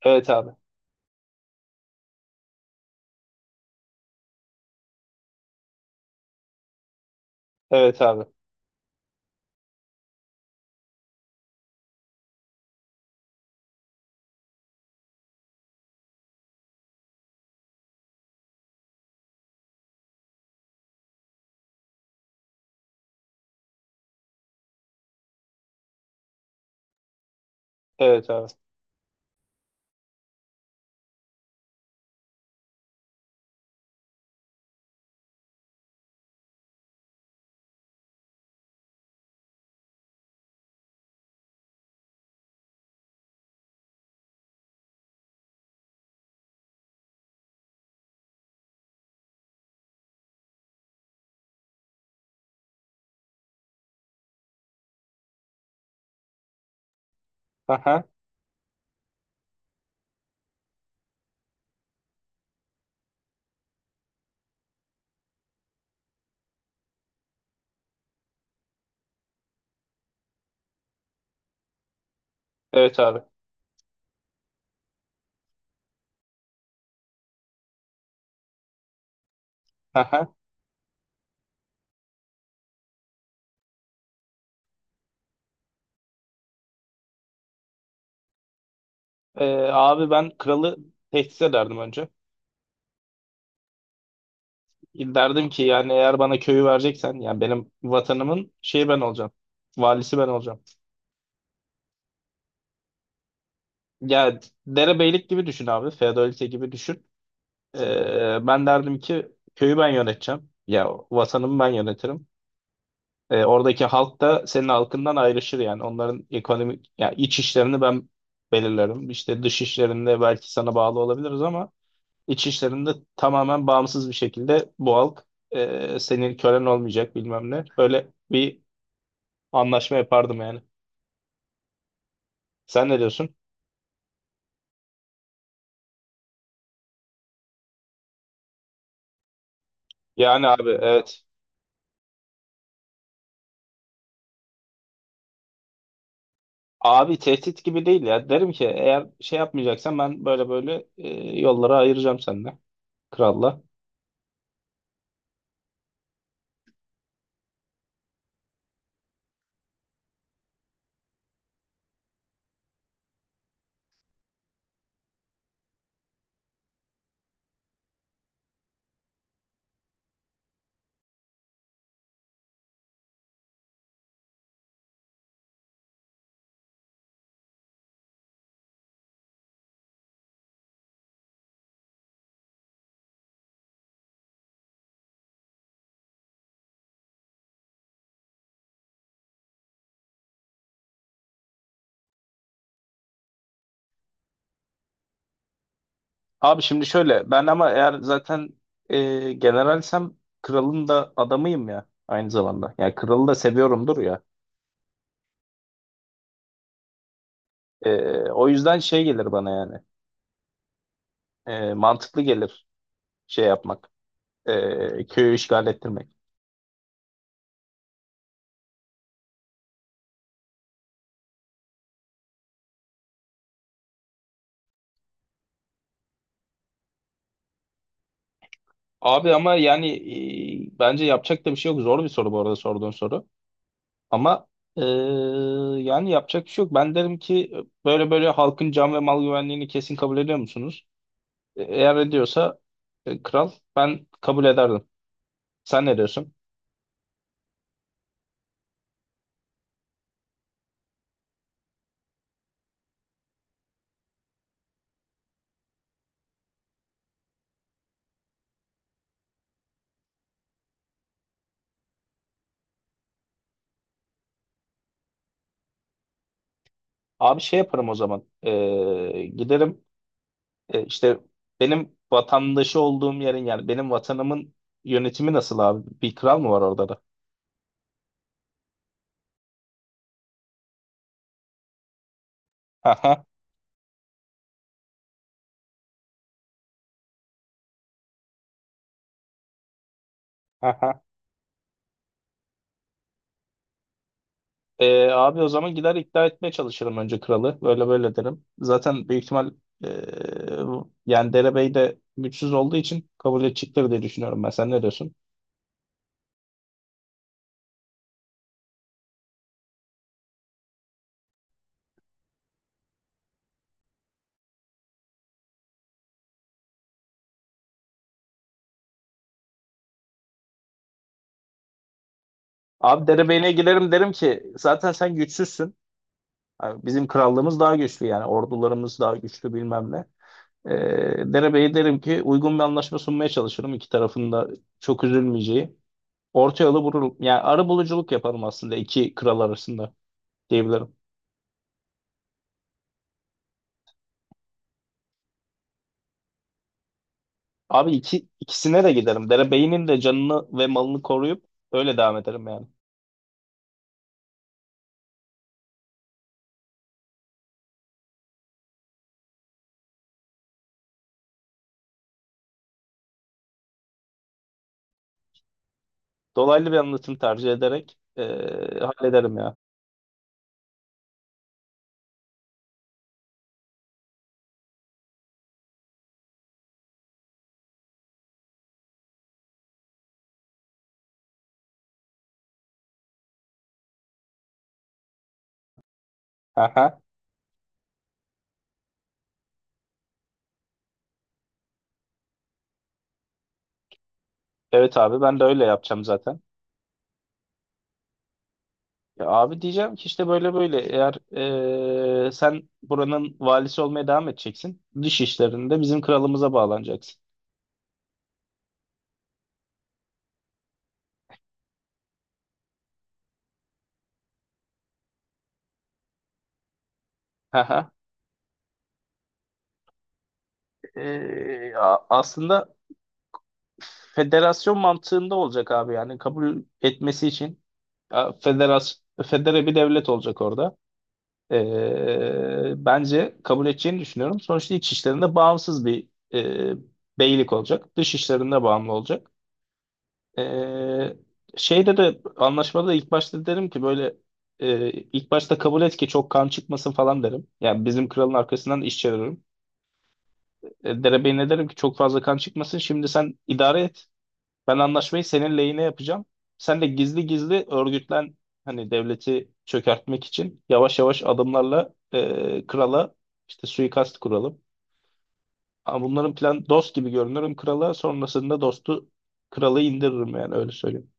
Evet abi. Evet abi. Evet abi. Aha. Evet abi. Aha. Ee, Abi ben kralı tehdit ederdim önce. Derdim ki yani eğer bana köyü vereceksen yani benim vatanımın şeyi ben olacağım. Valisi ben olacağım. Ya derebeylik gibi düşün abi. Feodalite gibi düşün. Ben derdim ki köyü ben yöneteceğim. Ya vatanımı ben yönetirim. Oradaki halk da senin halkından ayrışır yani. Onların ekonomik ya iç işlerini ben belirlerim. İşte dış işlerinde belki sana bağlı olabiliriz ama iç işlerinde tamamen bağımsız bir şekilde bu halk senin kölen olmayacak bilmem ne. Böyle bir anlaşma yapardım yani. Sen ne diyorsun? Yani abi evet. Abi tehdit gibi değil ya. Derim ki eğer şey yapmayacaksan ben böyle böyle yollara ayıracağım seninle. Kralla. Abi şimdi şöyle ben ama eğer zaten generalsem kralın da adamıyım ya aynı zamanda. Yani kralı da seviyorumdur ya. E, O yüzden şey gelir bana yani. Mantıklı gelir şey yapmak. Köyü işgal ettirmek. Abi ama yani bence yapacak da bir şey yok. Zor bir soru bu arada sorduğun soru. Ama e, yani yapacak bir şey yok. Ben derim ki böyle böyle halkın can ve mal güvenliğini kesin kabul ediyor musunuz? Eğer ediyorsa kral ben kabul ederdim. Sen ne diyorsun? Abi şey yaparım o zaman. Giderim işte benim vatandaşı olduğum yerin yani benim vatanımın yönetimi nasıl abi? Bir kral mı var orada da? Aha, aha. Abi o zaman gider ikna etmeye çalışırım önce kralı. Böyle böyle derim. Zaten büyük ihtimal ee, yani derebey de güçsüz olduğu için kabul edecektir diye düşünüyorum ben. Sen ne diyorsun? Abi derebeyine giderim derim ki zaten sen güçsüzsün. Yani bizim krallığımız daha güçlü yani ordularımız daha güçlü bilmem ne. E, Derebeye derim ki uygun bir anlaşma sunmaya çalışırım. İki tarafın da çok üzülmeyeceği. Orta yolu bulurum. Yani arabuluculuk yaparım aslında iki kral arasında diyebilirim. Abi ikisine de giderim. Derebeyinin de canını ve malını koruyup öyle devam ederim yani. Dolaylı bir anlatım tercih ederek hallederim ya. Aha. Evet abi ben de öyle yapacağım zaten. Ya abi diyeceğim ki işte böyle böyle eğer sen buranın valisi olmaya devam edeceksin. Dış işlerinde bizim kralımıza bağlanacaksın. Aslında federasyon mantığında olacak abi yani kabul etmesi için a, federas federe bir devlet olacak orada. Bence kabul edeceğini düşünüyorum. Sonuçta iç işlerinde bağımsız bir e, beylik olacak. Dış işlerinde bağımlı olacak. Ee, Şeyde de anlaşmada da ilk başta derim ki böyle ilk başta kabul et ki çok kan çıkmasın falan derim. Yani bizim kralın arkasından iş çeviririm. Derebeyi ne derim ki çok fazla kan çıkmasın. Şimdi sen idare et. Ben anlaşmayı senin lehine yapacağım. Sen de gizli gizli örgütlen hani devleti çökertmek için yavaş yavaş adımlarla krala işte suikast kuralım. Ama bunların plan dost gibi görünürüm krala. Sonrasında dostu kralı indiririm yani öyle söyleyeyim.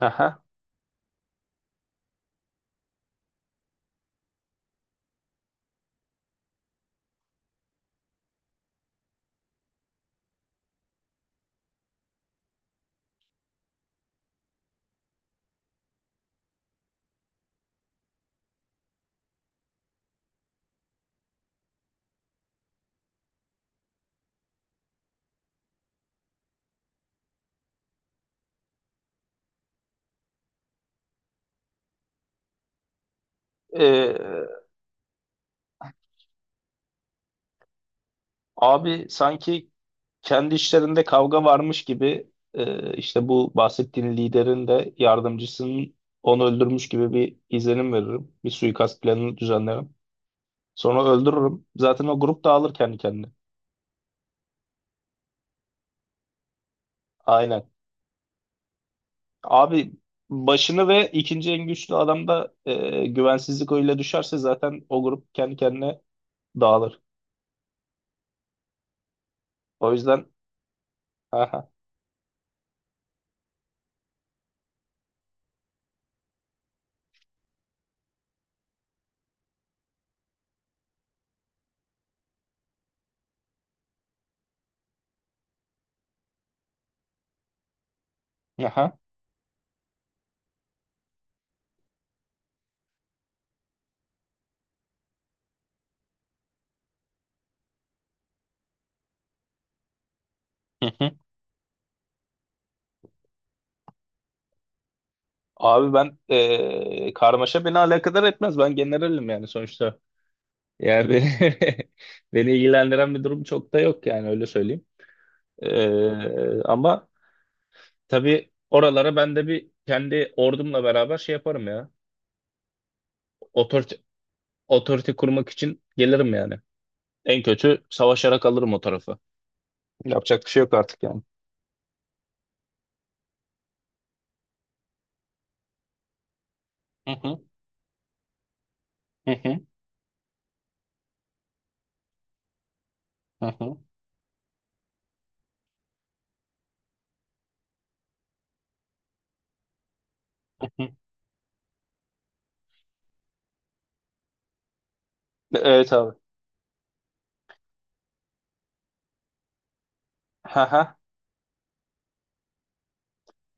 Aha. E, Abi sanki kendi işlerinde kavga varmış gibi işte bu bahsettiğin liderin de yardımcısının onu öldürmüş gibi bir izlenim veririm. Bir suikast planını düzenlerim. Sonra öldürürüm. Zaten o grup dağılır kendi kendine. Aynen. Abi başını ve ikinci en güçlü adamda güvensizlik oyuyla düşerse zaten o grup kendi kendine dağılır. O yüzden aha, aha, hı hı. Abi ben karmaşa beni alakadar etmez. Ben generalim yani sonuçta. Yani beni, beni ilgilendiren bir durum çok da yok yani öyle söyleyeyim. Ama tabii oralara ben de bir kendi ordumla beraber şey yaparım ya. Otorite kurmak için gelirim yani. En kötü savaşarak alırım o tarafı. Yapacak bir şey yok artık yani. Hı hı. Hı hı. Hı hı. Hı hı. Evet abi. Hı hı.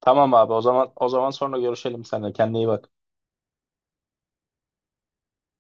Tamam abi. O zaman o zaman sonra görüşelim seninle. Kendine iyi bak.